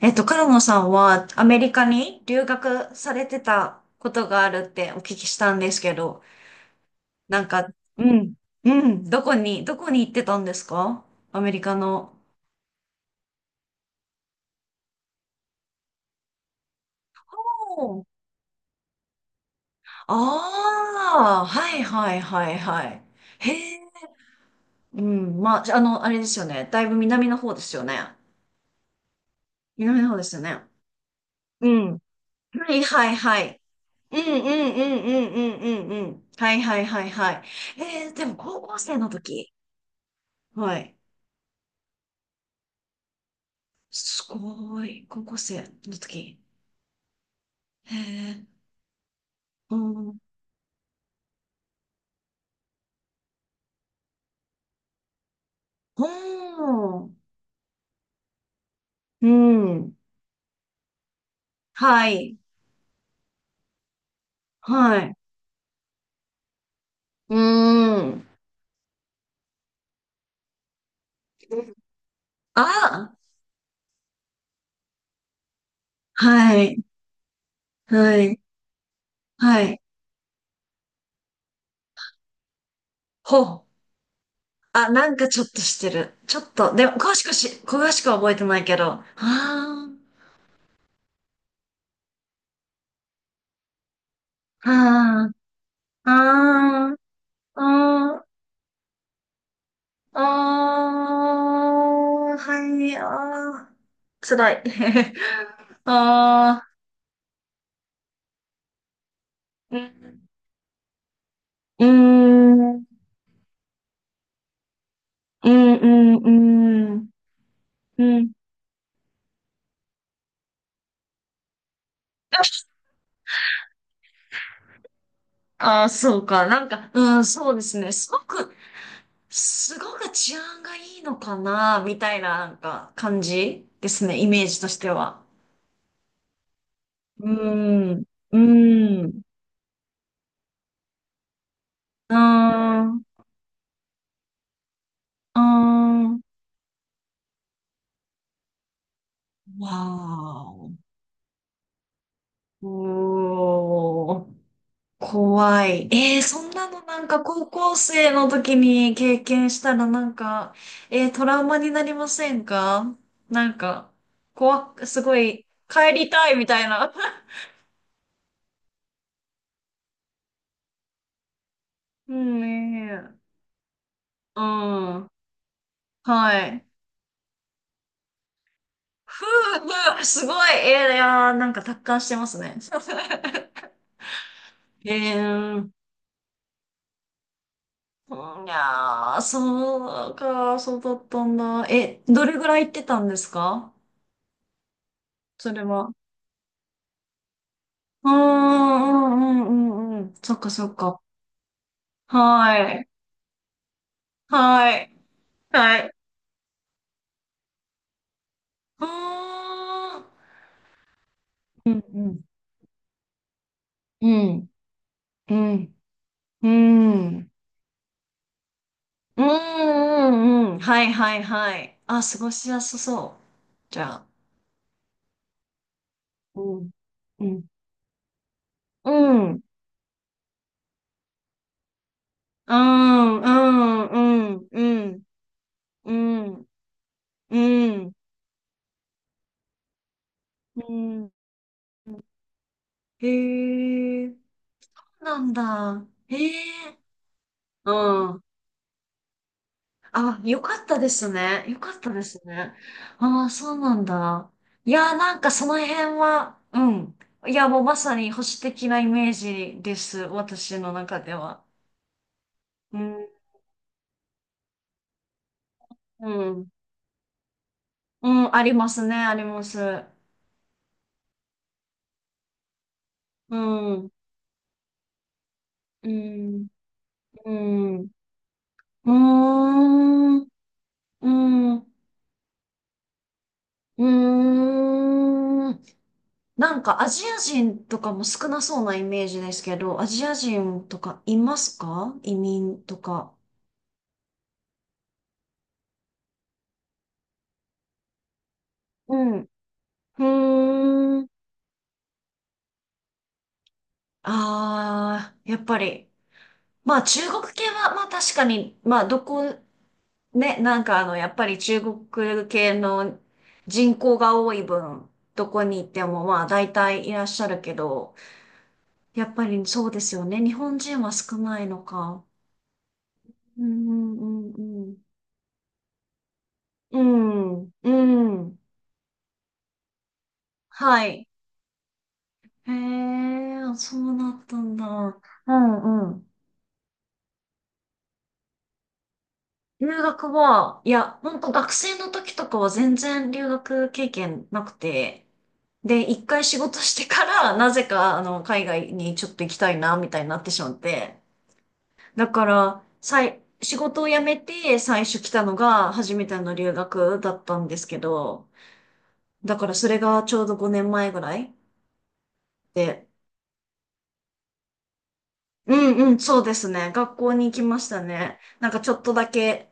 カルモさんはアメリカに留学されてたことがあるってお聞きしたんですけど、なんか、うん、うん、どこに行ってたんですか？アメリカの。おーああ、はいはいはいはい。へえ、うん、まあ、あれですよね。だいぶ南の方ですよね。南の方ですよね。うん。はいはいはい。うんうんうんうんうんうんうん。はいはいはいはい。えー、でも高校生の時。はい。すごい。高校生の時。へえ。うん。うん。うん。はい。はい。うーん。あはい。はい。はい。ほう。あ、なんかちょっとしてる。ちょっと、でも、詳しくは覚えてないけど。ああ、ああ、ああ、ああ、ああ、はい、ああ、辛い。ああ、うんうーん、うん、うん、うん、うん。ああ、そうか。なんか、うん、そうですね。すごく治安がいいのかな、みたいな、なんか、感じですね。イメージとしては。うーん、うーん、うーん、うーん。わーお。怖い。えー、そんなのなんか高校生の時に経験したらなんか、えー、トラウマになりませんか？なんか、すごい、帰りたいみたいな。うんねえ。うん。はい。ふう、ふう、すごい。えー、いやー、なんか達観してますね。えー、うんいやー、そうか、そうだったんだ。え、どれぐらい行ってたんですか？それは。うんうんうんうんうん。そっかそっか。はい。はい。はい。あーうんうんうん。うん。うん。うんうんうん。はいはいはい。あ、過ごしやすそう。じゃあ。うん。うん。うん。うんうんうんうんうんうんうん。へえ。そうなんだ。へえ。うん。あ、よかったですね。よかったですね。ああ、そうなんだ。いやー、なんかその辺は、うん。いや、もうまさに保守的なイメージです。私の中では。うん、うん。うん、ありますね、あります。うん、うん、うん。うーん、うん、うーん。なんかアジア人とかも少なそうなイメージですけど、アジア人とかいますか？移民とか。うん。うーん。ああ、やっぱり。まあ中国系は、まあ確かに、まあどこ、ね、なんかあの、やっぱり中国系の人口が多い分、どこに行ってもまあ大体いらっしゃるけど、やっぱりそうですよね。日本人は少ないのか。うんうんうんうん。うん、うん。はい。へえ、そうなったんだ。うんうん。留学は、いや、本当学生の時とかは全然留学経験なくて、で、一回仕事してから、なぜか、海外にちょっと行きたいな、みたいになってしまって。だから、さい、仕事を辞めて最初来たのが初めての留学だったんですけど、だからそれがちょうど5年前ぐらいで、うんうん、そうですね。学校に行きましたね。なんかちょっとだけ、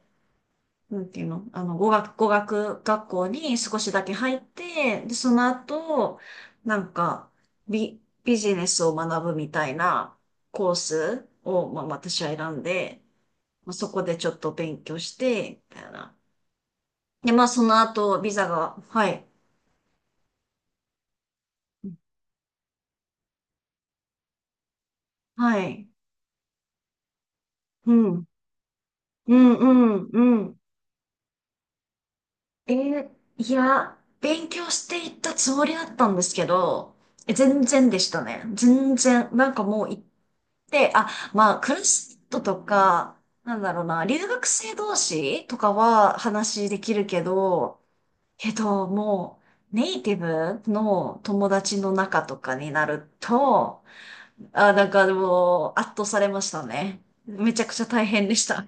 なんていうの、あの、語学学校に少しだけ入って、で、その後、なんか、ビジネスを学ぶみたいなコースを、まあ、私は選んで、まあ、そこでちょっと勉強して、みたいな。で、まあ、その後、ビザが、はい、はい、うん、うん、うん、うん。えーいや、勉強していったつもりだったんですけど、え全然でしたね。全然。なんかもう、で、あ、まあ、クラストとか、なんだろうな、留学生同士とかは話できるけど、けど、もう、ネイティブの友達の中とかになると、あ、なんかもう、圧倒されましたね。めちゃくちゃ大変でした。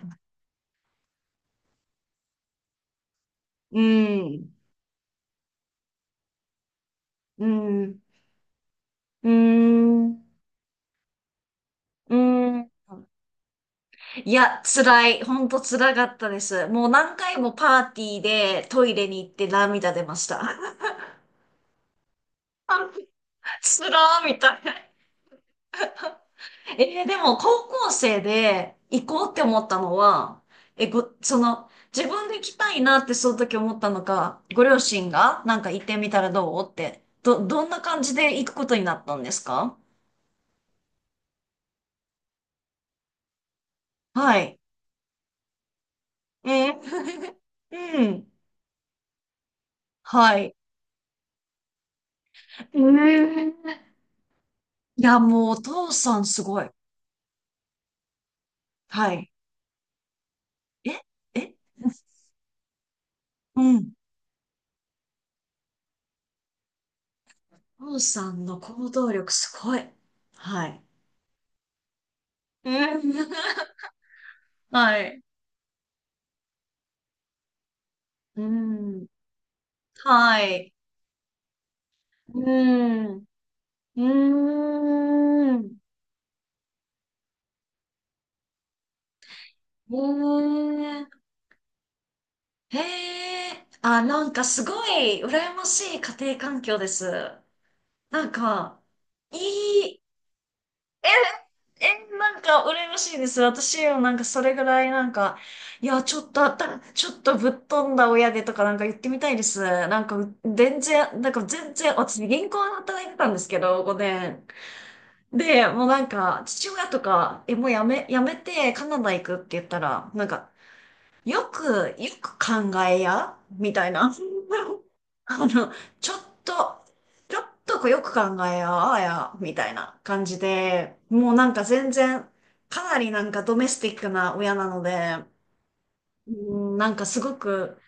うん、うん、うん、うん。いや、辛い。ほんと辛かったです。もう何回もパーティーでトイレに行って涙出ました。つらーみたいな。えーでも高校生で行こうって思ったのは、え、ご、その、自分で行きたいなってその時思ったのか、ご両親がなんか行ってみたらどうって、ど、どんな感じで行くことになったんですか？はい。えー うん。はい。えーいや、もうお父さんすごい。はい。ええ うん。お父さんの行動力すごい。はい。うん はい。うん。はい。うん。うーん。ねえ。へえ。あ、なんかすごい羨ましい家庭環境です。なんか、いい、え、え、なんか羨ましいです。私もなんかそれぐらいなんか、いや、ちょっとあった、ちょっとぶっ飛んだ親でとかなんか言ってみたいです。なんか、全然、なんか全然、私銀行で働いてたんですけど、5年。で、もうなんか、父親とか、え、もうやめ、やめてカナダ行くって言ったら、なんか、よく考えや、みたいな。あの、ちょっと、ちょっとこうよく考えや、あや、みたいな感じで、もうなんか全然、かなりなんかドメスティックな親なので、うん、なんかすごく、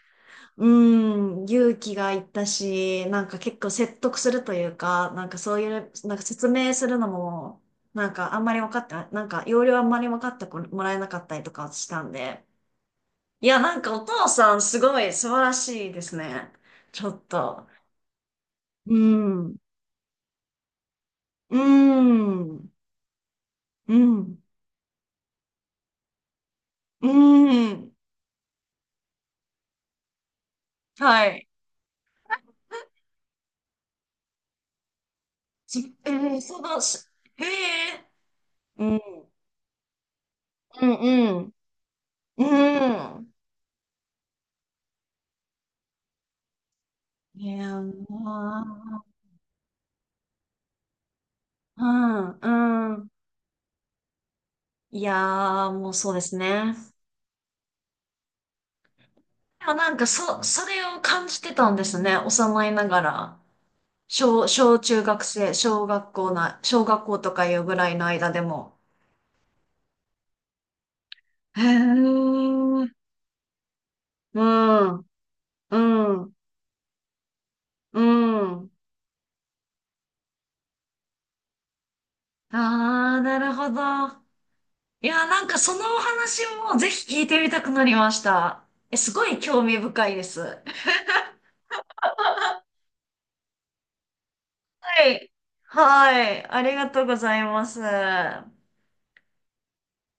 うーん、勇気がいったし、なんか結構説得するというか、なんかそういう、なんか説明するのも、なんかあんまり分かってな、なんか要領あんまり分かってこもらえなかったりとかしたんで。いや、なんかお父さんすごい素晴らしいですね。ちょっと。うーん、うーん、うーん、うーん。はい。じえー、その、しえー、うん、うん、うん、うん。いやー、うん、うん。いやー、もうそうですね。でもなんかそ、それを感じてたんですね。幼いながら。小、小中学生、小学校な、小学校とかいうぐらいの間でも。へー。うん、うん、うん。あー、なるほど。いやー、なんかそのお話をぜひ聞いてみたくなりました。え、すごい興味深いです。はい。はい。ありがとうございます。